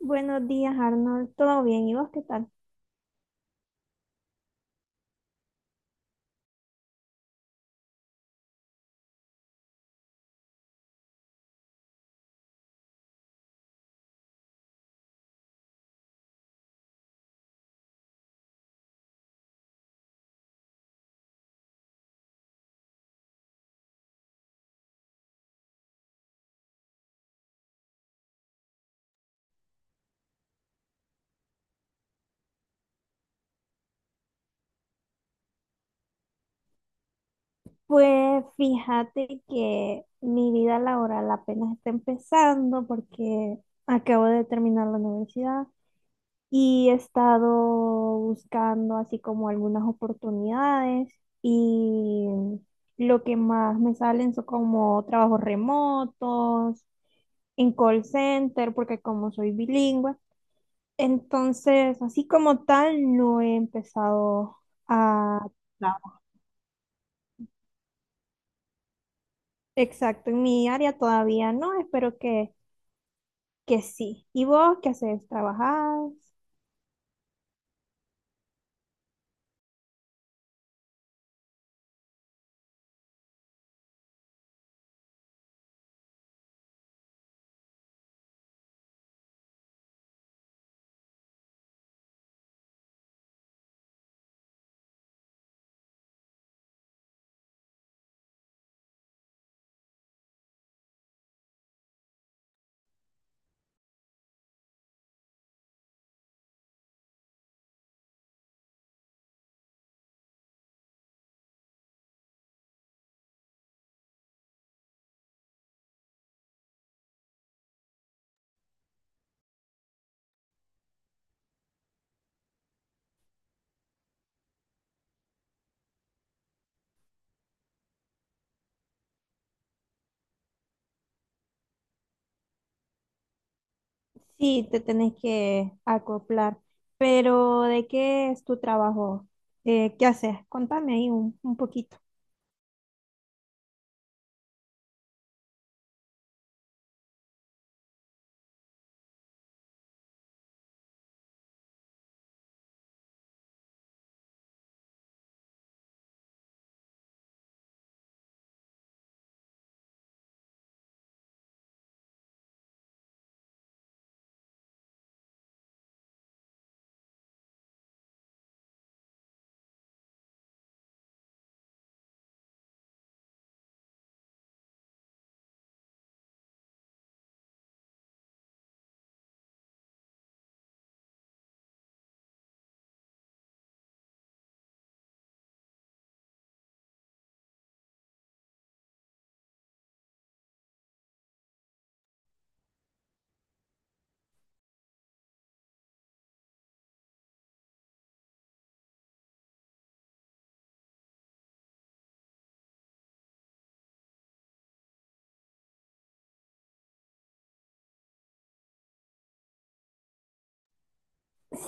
Buenos días, Arnold. ¿Todo bien? ¿Y vos qué tal? Pues fíjate que mi vida laboral apenas está empezando porque acabo de terminar la universidad y he estado buscando así como algunas oportunidades y lo que más me salen son como trabajos remotos, en call center, porque como soy bilingüe, entonces así como tal no he empezado a. Exacto, en mi área todavía no, espero que sí. ¿Y vos qué haces? ¿Trabajás? Sí, te tenés que acoplar, pero ¿de qué es tu trabajo? ¿Qué haces? Contame ahí un poquito.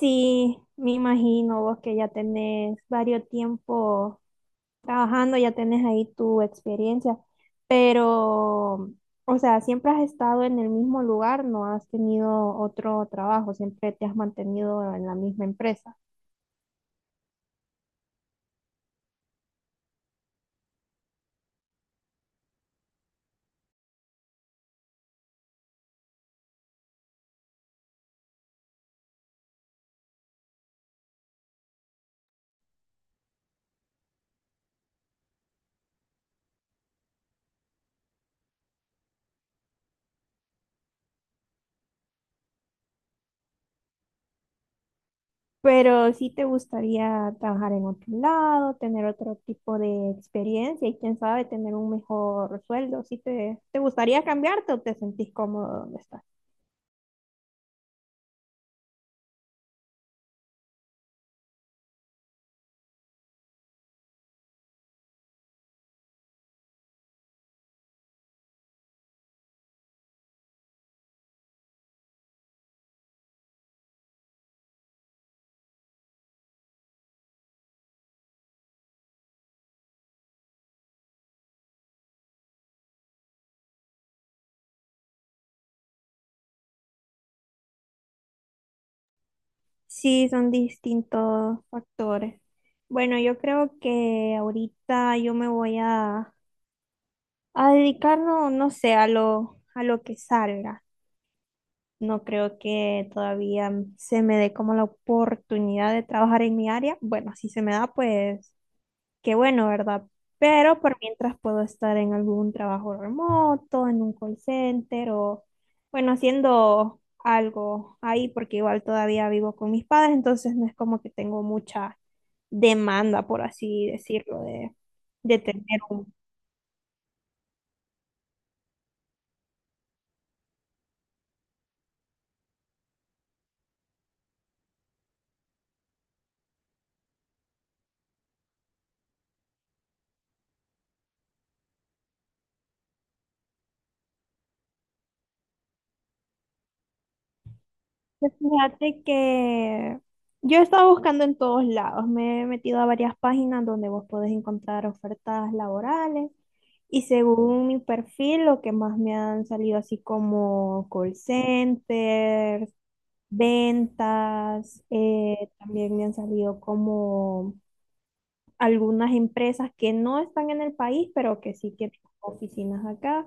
Sí, me imagino vos que ya tenés varios tiempo trabajando, ya tenés ahí tu experiencia, pero, o sea, siempre has estado en el mismo lugar, no has tenido otro trabajo, siempre te has mantenido en la misma empresa. Pero sí te gustaría trabajar en otro lado, tener otro tipo de experiencia y quién sabe, tener un mejor sueldo. ¿Sí te gustaría cambiarte o te sentís cómodo donde estás? Sí, son distintos factores. Bueno, yo creo que ahorita yo me voy a dedicar, no, no sé, a lo que salga. No creo que todavía se me dé como la oportunidad de trabajar en mi área. Bueno, si se me da, pues qué bueno, ¿verdad? Pero por mientras puedo estar en algún trabajo remoto, en un call center o, bueno, haciendo algo ahí, porque igual todavía vivo con mis padres, entonces no es como que tengo mucha demanda, por así decirlo, de tener un... Pues fíjate que yo he estado buscando en todos lados, me he metido a varias páginas donde vos podés encontrar ofertas laborales y según mi perfil lo que más me han salido así como call centers, ventas, también me han salido como algunas empresas que no están en el país, pero que sí que tienen oficinas acá.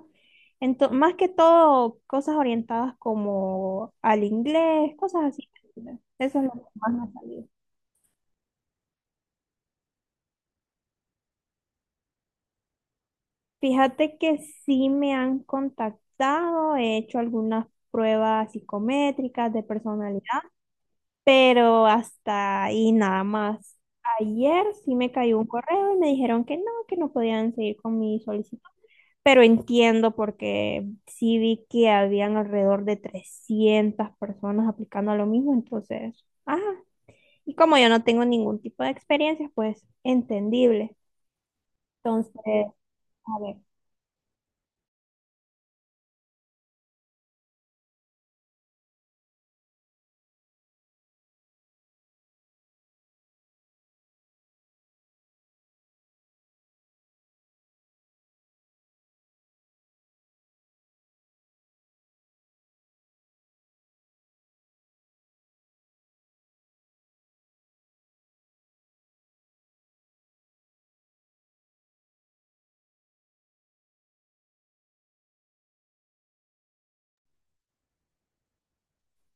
Más que todo, cosas orientadas como al inglés, cosas así. Eso es lo que más me ha salido. Fíjate que sí me han contactado, he hecho algunas pruebas psicométricas de personalidad, pero hasta ahí nada más. Ayer sí me cayó un correo y me dijeron que no podían seguir con mi solicitud. Pero entiendo porque sí vi que habían alrededor de 300 personas aplicando a lo mismo, entonces, ajá. Y como yo no tengo ningún tipo de experiencia, pues entendible. Entonces, a ver.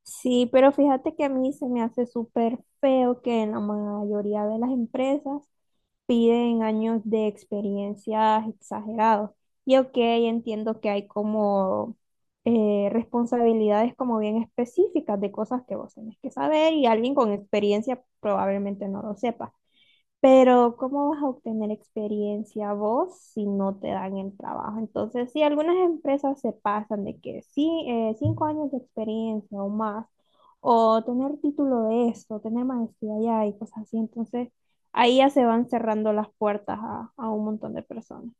Sí, pero fíjate que a mí se me hace súper feo que en la mayoría de las empresas piden años de experiencias exagerados. Y ok, entiendo que hay como responsabilidades como bien específicas de cosas que vos tenés que saber y alguien con experiencia probablemente no lo sepa. Pero ¿cómo vas a obtener experiencia vos si no te dan el trabajo? Entonces, sí, algunas empresas se pasan de que sí, 5 años de experiencia o más, o tener título de esto, tener maestría allá y cosas así. Entonces, ahí ya se van cerrando las puertas a un montón de personas.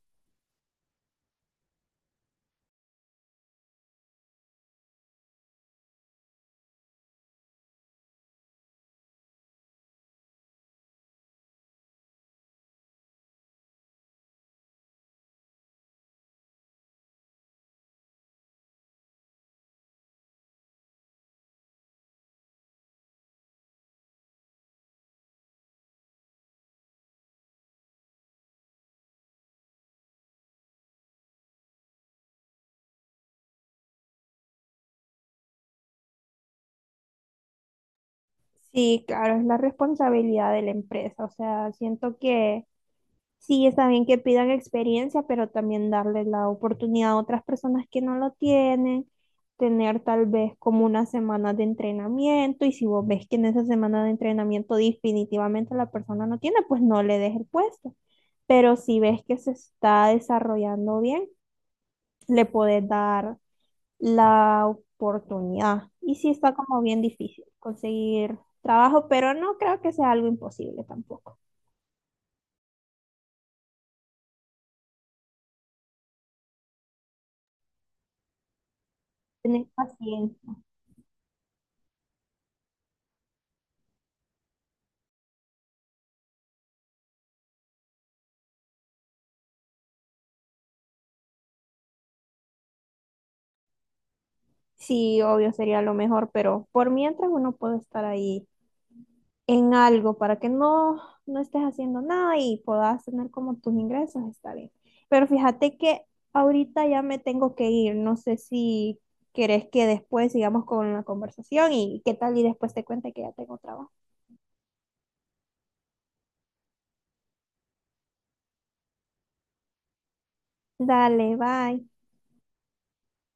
Sí, claro, es la responsabilidad de la empresa. O sea, siento que sí, está bien que pidan experiencia, pero también darle la oportunidad a otras personas que no lo tienen, tener tal vez como una semana de entrenamiento y si vos ves que en esa semana de entrenamiento definitivamente la persona no tiene, pues no le des el puesto. Pero si ves que se está desarrollando bien, le podés dar la oportunidad. Y sí está como bien difícil conseguir trabajo, pero no creo que sea algo imposible tampoco. Tenés paciencia. Sí, obvio sería lo mejor, pero por mientras uno puede estar ahí en algo para que no, no estés haciendo nada y puedas tener como tus ingresos, está bien. Pero fíjate que ahorita ya me tengo que ir, no sé si querés que después sigamos con la conversación y qué tal y después te cuente que ya tengo trabajo. Dale, bye.